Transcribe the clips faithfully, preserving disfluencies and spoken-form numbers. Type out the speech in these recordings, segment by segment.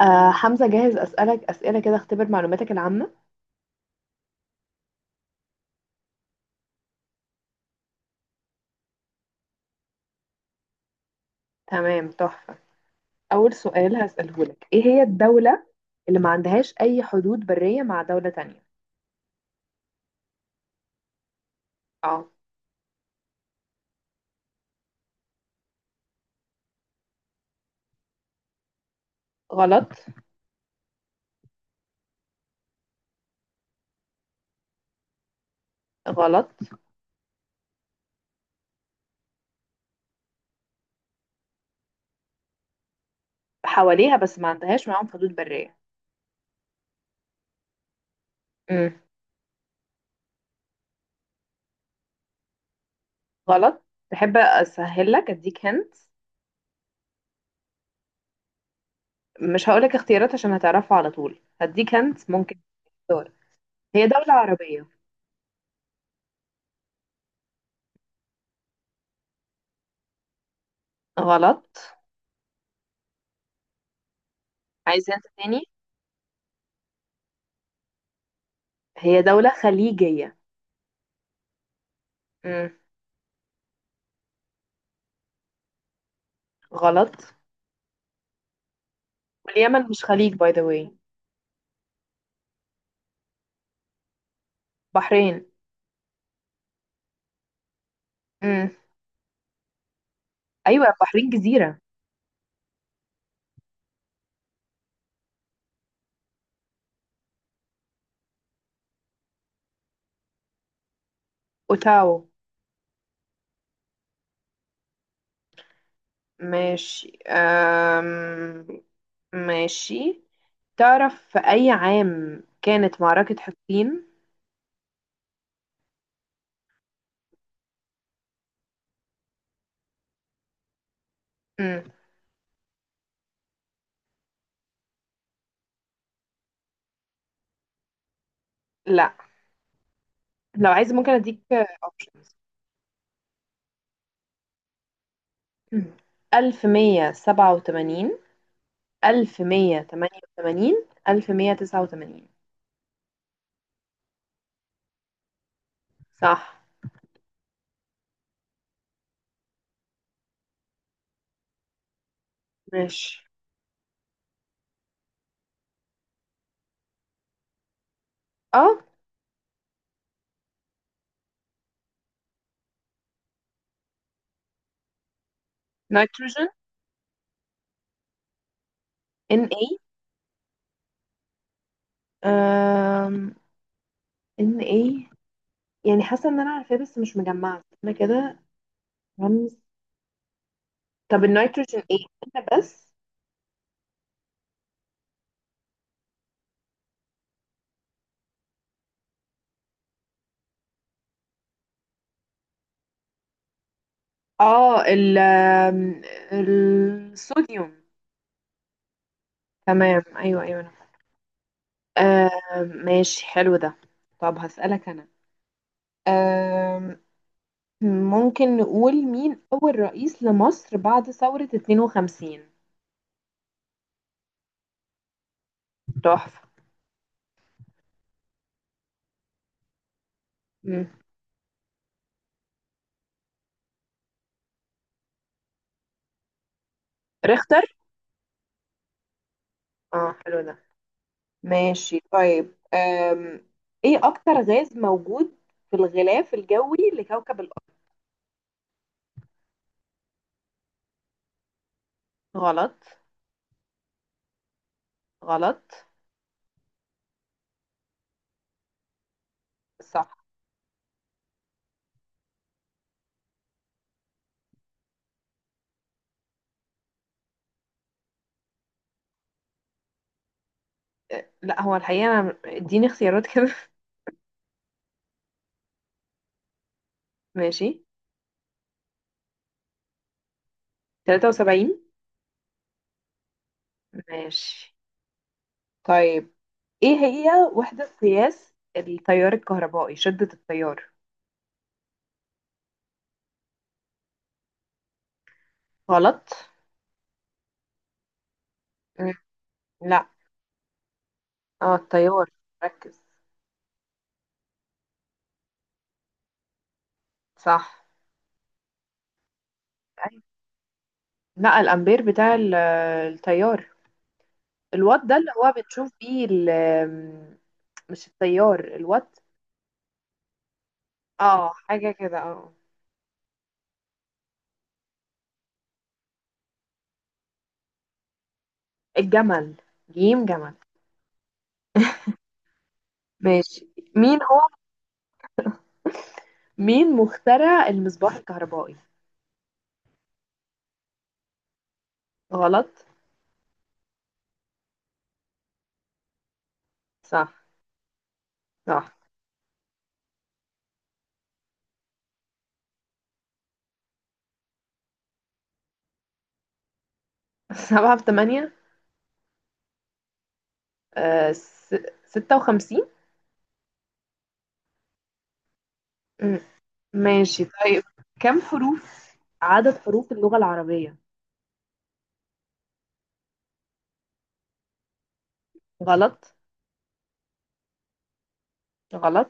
آه حمزة، جاهز أسألك أسئلة كده؟ اختبر معلوماتك العامة. تمام، تحفة. أول سؤال هسأله لك، إيه هي الدولة اللي ما عندهاش أي حدود برية مع دولة تانية؟ اه. غلط. غلط، حواليها بس ما عندهاش معاهم حدود برية. امم. غلط. تحب أسهل لك، أديك هنت؟ مش هقولك اختيارات عشان هتعرفها على طول، هديك هنت ممكن تختار. هي دولة عربية. غلط. عايز هنت تاني؟ هي دولة خليجية. امم. غلط. واليمن مش خليج، باي ذا واي. بحرين. امم. ايوه، بحرين جزيرة. اوتاو. ماشي. أم... ماشي. تعرف في اي عام كانت معركة حطين؟ امم. لا. لو عايز ممكن اديك اوبشنز. ألف ومية سبعة وتمانين، ألف ومية تمانية وتمانين، ألف ومية تسعة وتمانين. صح. ماشي. اه. نيتروجين. ان اي. أم... ان اي. يعني حاسه ان انا عارفاه بس مش مجمعه انا كده. رمز. طب النيتروجين ايه؟ انا بس. اه، ال آم، الصوديوم. تمام، ايوه ايوه، أنا فاكرة. آم، ماشي، حلو ده. طب هسألك انا، آم، ممكن نقول مين اول رئيس لمصر بعد ثورة اتنين وخمسين؟ تحفة. مم. ريختر. اه، حلو ده. ماشي طيب، آم، ايه اكتر غاز موجود في الغلاف الجوي لكوكب الارض؟ غلط. غلط. صح. لا هو الحقيقة أنا، اديني اختيارات كده. ماشي. تلاتة وسبعين. ماشي طيب. ايه هي وحدة قياس التيار الكهربائي، شدة التيار؟ غلط. مم. لا. اه، التيار. ركز. صح. أيوة. لا، الأمبير بتاع ال- آه، التيار. الوات ده اللي هو بنشوف بيه، ال- مش التيار الوات. اه، حاجة كده، اه. الجمل. جيم جمل. ماشي. مين هو مين مخترع المصباح الكهربائي؟ غلط. صح. صح. سبعة في تمانية، آه س... ستة وخمسين. مم. ماشي طيب. كم حروف، عدد حروف اللغة العربية؟ غلط. غلط.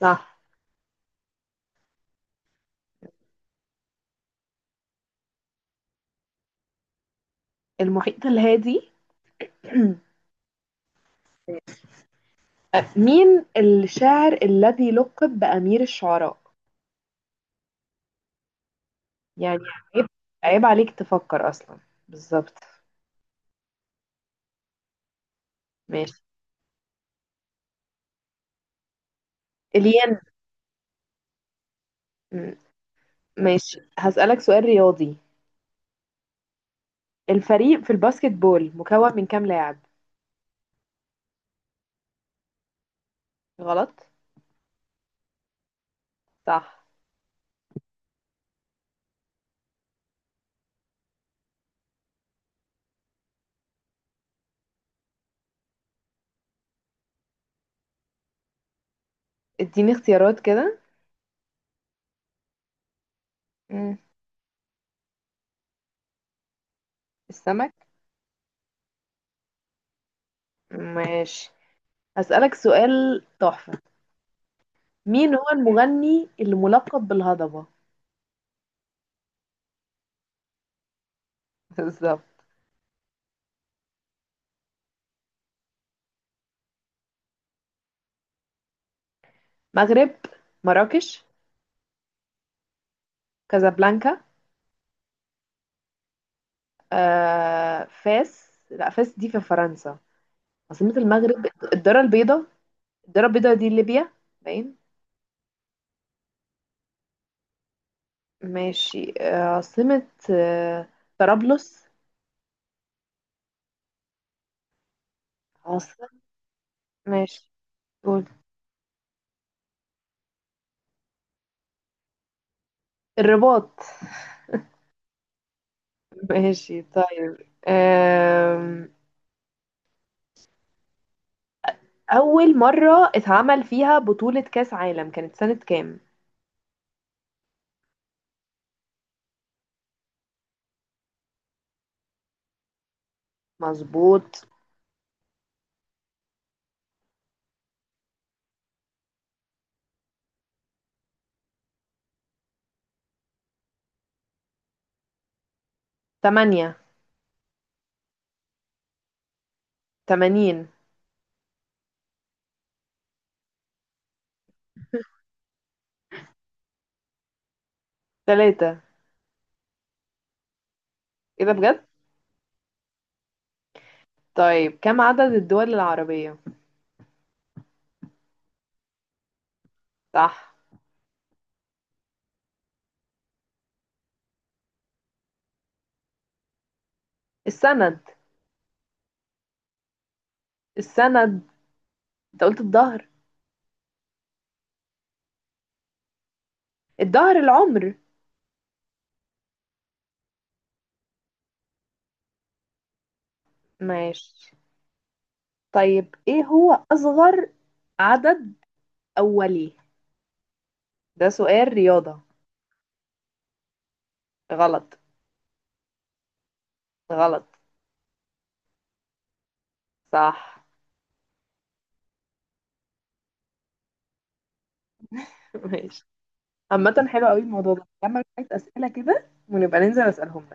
صح. المحيط الهادي. آه، مين الشاعر الذي لقب بأمير الشعراء؟ يعني عيب، عيب عليك تفكر أصلا. بالظبط. ماشي. الين. مم. ماشي، هسألك سؤال رياضي. الفريق في الباسكت بول مكون من كام لاعب؟ غلط. صح. اديني اختيارات كده. مم. السمك. ماشي. هسألك سؤال تحفة. مين هو المغني اللي ملقب بالهضبة؟ بالظبط. مغرب. مراكش. كازابلانكا. آه، فاس. لا، فاس دي في فرنسا. عاصمة المغرب، الدارة البيضاء. الدارة البيضاء دي ليبيا، باين. ماشي، آه، عاصمة، آه، طرابلس. عاصمة. ماشي، قول. الرباط. ماشي طيب، آم، أول مرة اتعمل فيها بطولة كأس عالم كانت سنة كام؟ مظبوط. تمانية. تمانين. تلاتة. إيه ده بجد؟ طيب، كم عدد الدول العربية؟ صح. السند. السند، أنت قلت الظهر. الظهر، العمر. ماشي طيب، إيه هو أصغر عدد أولي؟ ده سؤال رياضة. غلط. غلط. صح. ماشي. عامة حلو قوي الموضوع ده، نعمل شوية أسئلة كده ونبقى ننزل أسألهم.